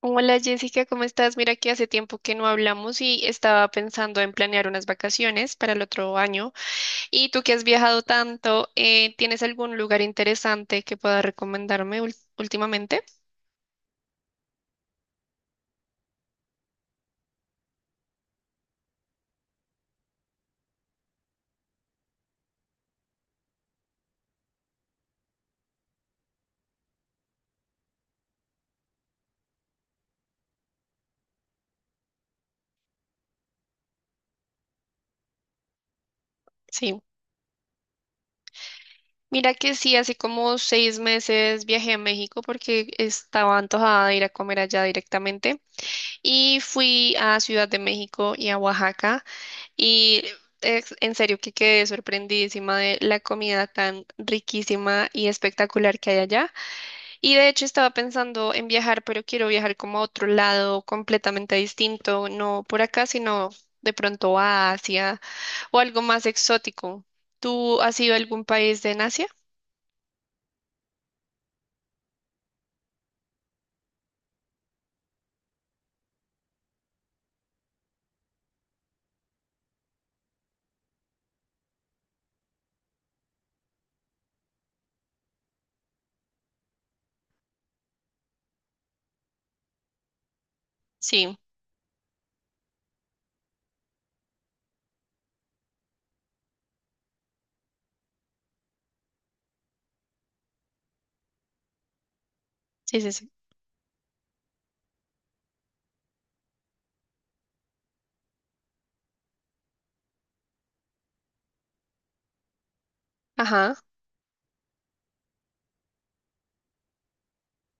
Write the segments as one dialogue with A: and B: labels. A: Hola Jessica, ¿cómo estás? Mira que hace tiempo que no hablamos y estaba pensando en planear unas vacaciones para el otro año. Y tú que has viajado tanto, ¿tienes algún lugar interesante que puedas recomendarme últimamente? Sí. Mira que sí, hace como seis meses viajé a México porque estaba antojada de ir a comer allá directamente y fui a Ciudad de México y a Oaxaca y en serio que quedé sorprendidísima de la comida tan riquísima y espectacular que hay allá. Y de hecho estaba pensando en viajar, pero quiero viajar como a otro lado completamente distinto, no por acá, sino de pronto a Asia o algo más exótico. ¿Tú has ido a algún país de Asia? Sí, sí, sí, sí. Ajá,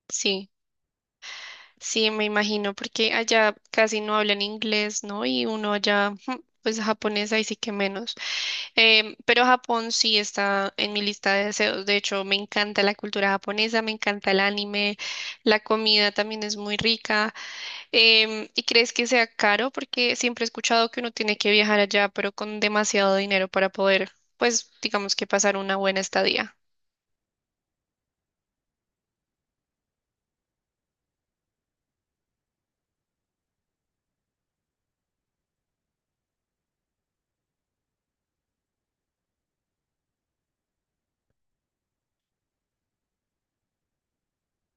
A: sí. Sí, me imagino, porque allá casi no hablan inglés, ¿no? Y uno allá, pues japonés ahí sí que menos. Pero Japón sí está en mi lista de deseos. De hecho, me encanta la cultura japonesa, me encanta el anime, la comida también es muy rica. ¿Y crees que sea caro? Porque siempre he escuchado que uno tiene que viajar allá, pero con demasiado dinero para poder, pues, digamos que pasar una buena estadía.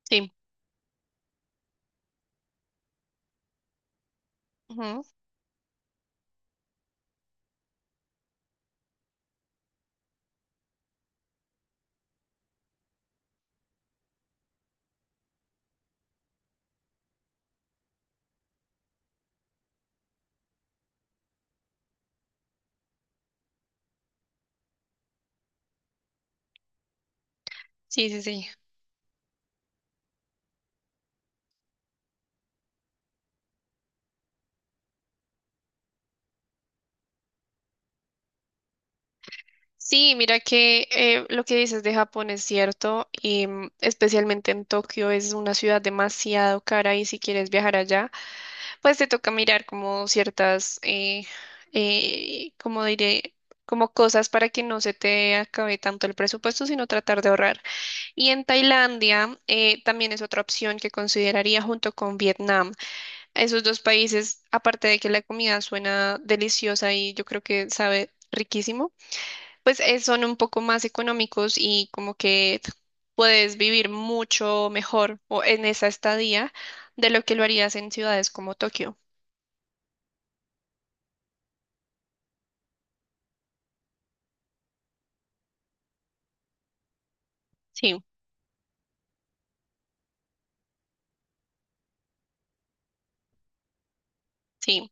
A: Sí. Ujú. Sí, sí, sí. Sí, mira que lo que dices de Japón es cierto, y especialmente en Tokio es una ciudad demasiado cara y si quieres viajar allá, pues te toca mirar como ciertas, como diré, como cosas para que no se te acabe tanto el presupuesto, sino tratar de ahorrar. Y en Tailandia también es otra opción que consideraría junto con Vietnam. Esos dos países, aparte de que la comida suena deliciosa y yo creo que sabe riquísimo, pues son un poco más económicos y como que puedes vivir mucho mejor o en esa estadía de lo que lo harías en ciudades como Tokio. Sí, sí,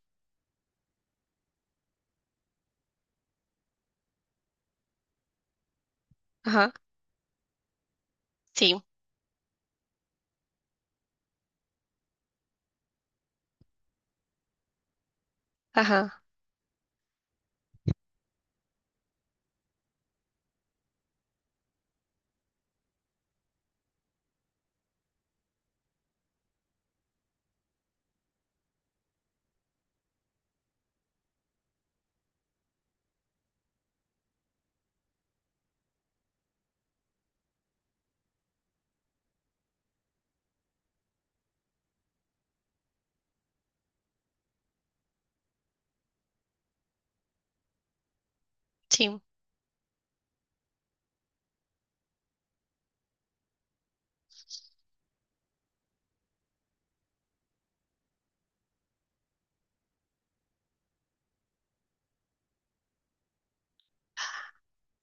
A: ajá, sí, ajá, sí.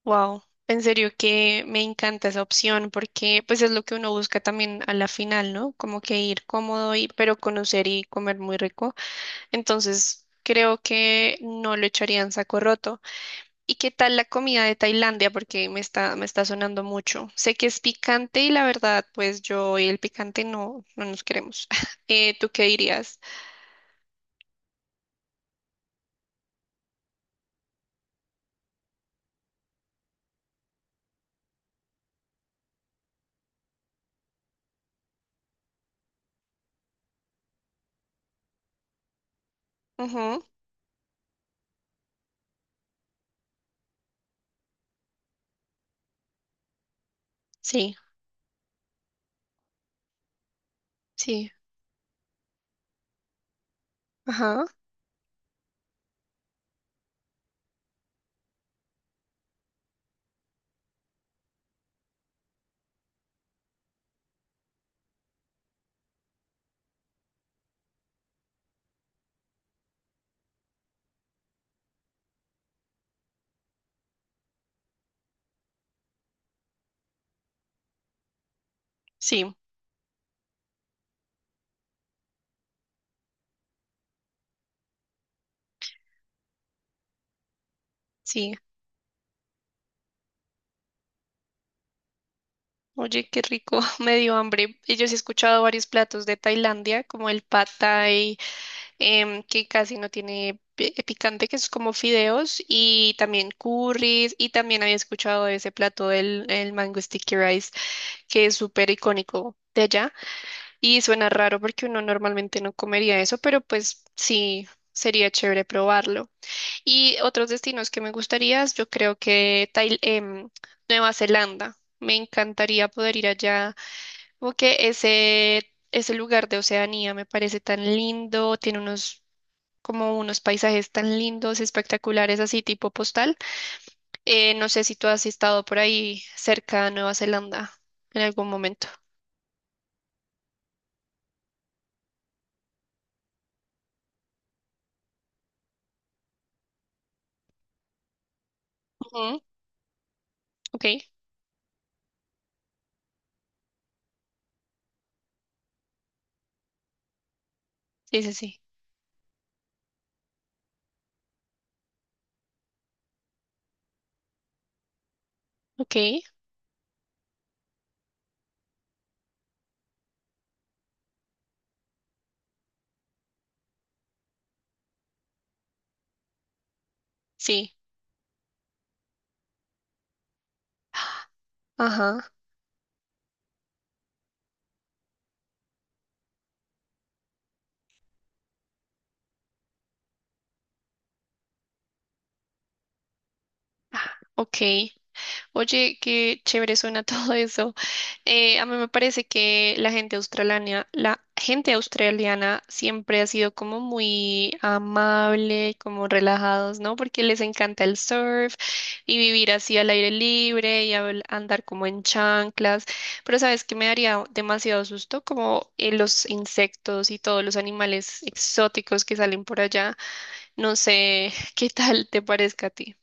A: Wow. En serio que me encanta esa opción porque pues es lo que uno busca también a la final, ¿no? Como que ir cómodo y pero conocer y comer muy rico. Entonces, creo que no lo echaría en saco roto. ¿Y qué tal la comida de Tailandia? Porque me está sonando mucho. Sé que es picante y la verdad, pues yo y el picante no, no nos queremos. ¿Tú qué dirías? Ujú. Sí, sí, ajá, sí, sí. Oye, qué rico, me dio hambre. Y yo sí he escuchado varios platos de Tailandia, como el pad thai, que casi no tiene picante, que es como fideos, y también curries, y también había escuchado de ese plato del el mango sticky rice que es súper icónico de allá y suena raro porque uno normalmente no comería eso, pero pues sí, sería chévere probarlo. Y otros destinos que me gustaría, yo creo que Nueva Zelanda. Me encantaría poder ir allá, como que ese lugar de Oceanía me parece tan lindo, tiene unos como unos paisajes tan lindos, espectaculares, así tipo postal. No sé si tú has estado por ahí cerca de Nueva Zelanda en algún momento. Ujú. Ok. Sí, sí, sí. Ok, sí. Ajá. Ah, Ok. Oye, qué chévere suena todo eso. A mí me parece que la gente australiana siempre ha sido como muy amable, como relajados, ¿no? Porque les encanta el surf y vivir así al aire libre y andar como en chanclas. Pero sabes que me daría demasiado susto como los insectos y todos los animales exóticos que salen por allá. No sé qué tal te parezca a ti.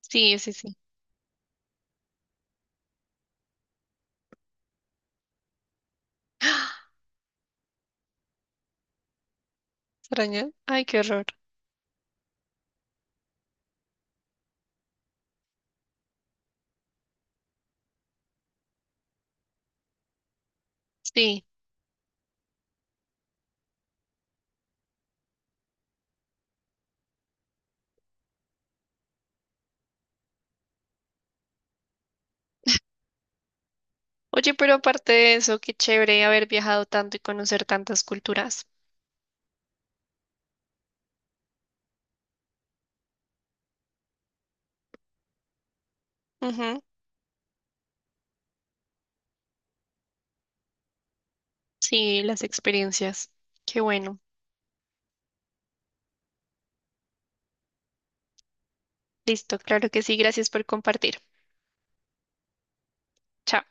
A: Sí, sí, sí. ¿Extrañas? Ay, qué horror. Sí. Oye, pero aparte de eso, qué chévere haber viajado tanto y conocer tantas culturas. Ujú. Sí, las experiencias. Qué bueno. Listo, claro que sí. Gracias por compartir. Chao.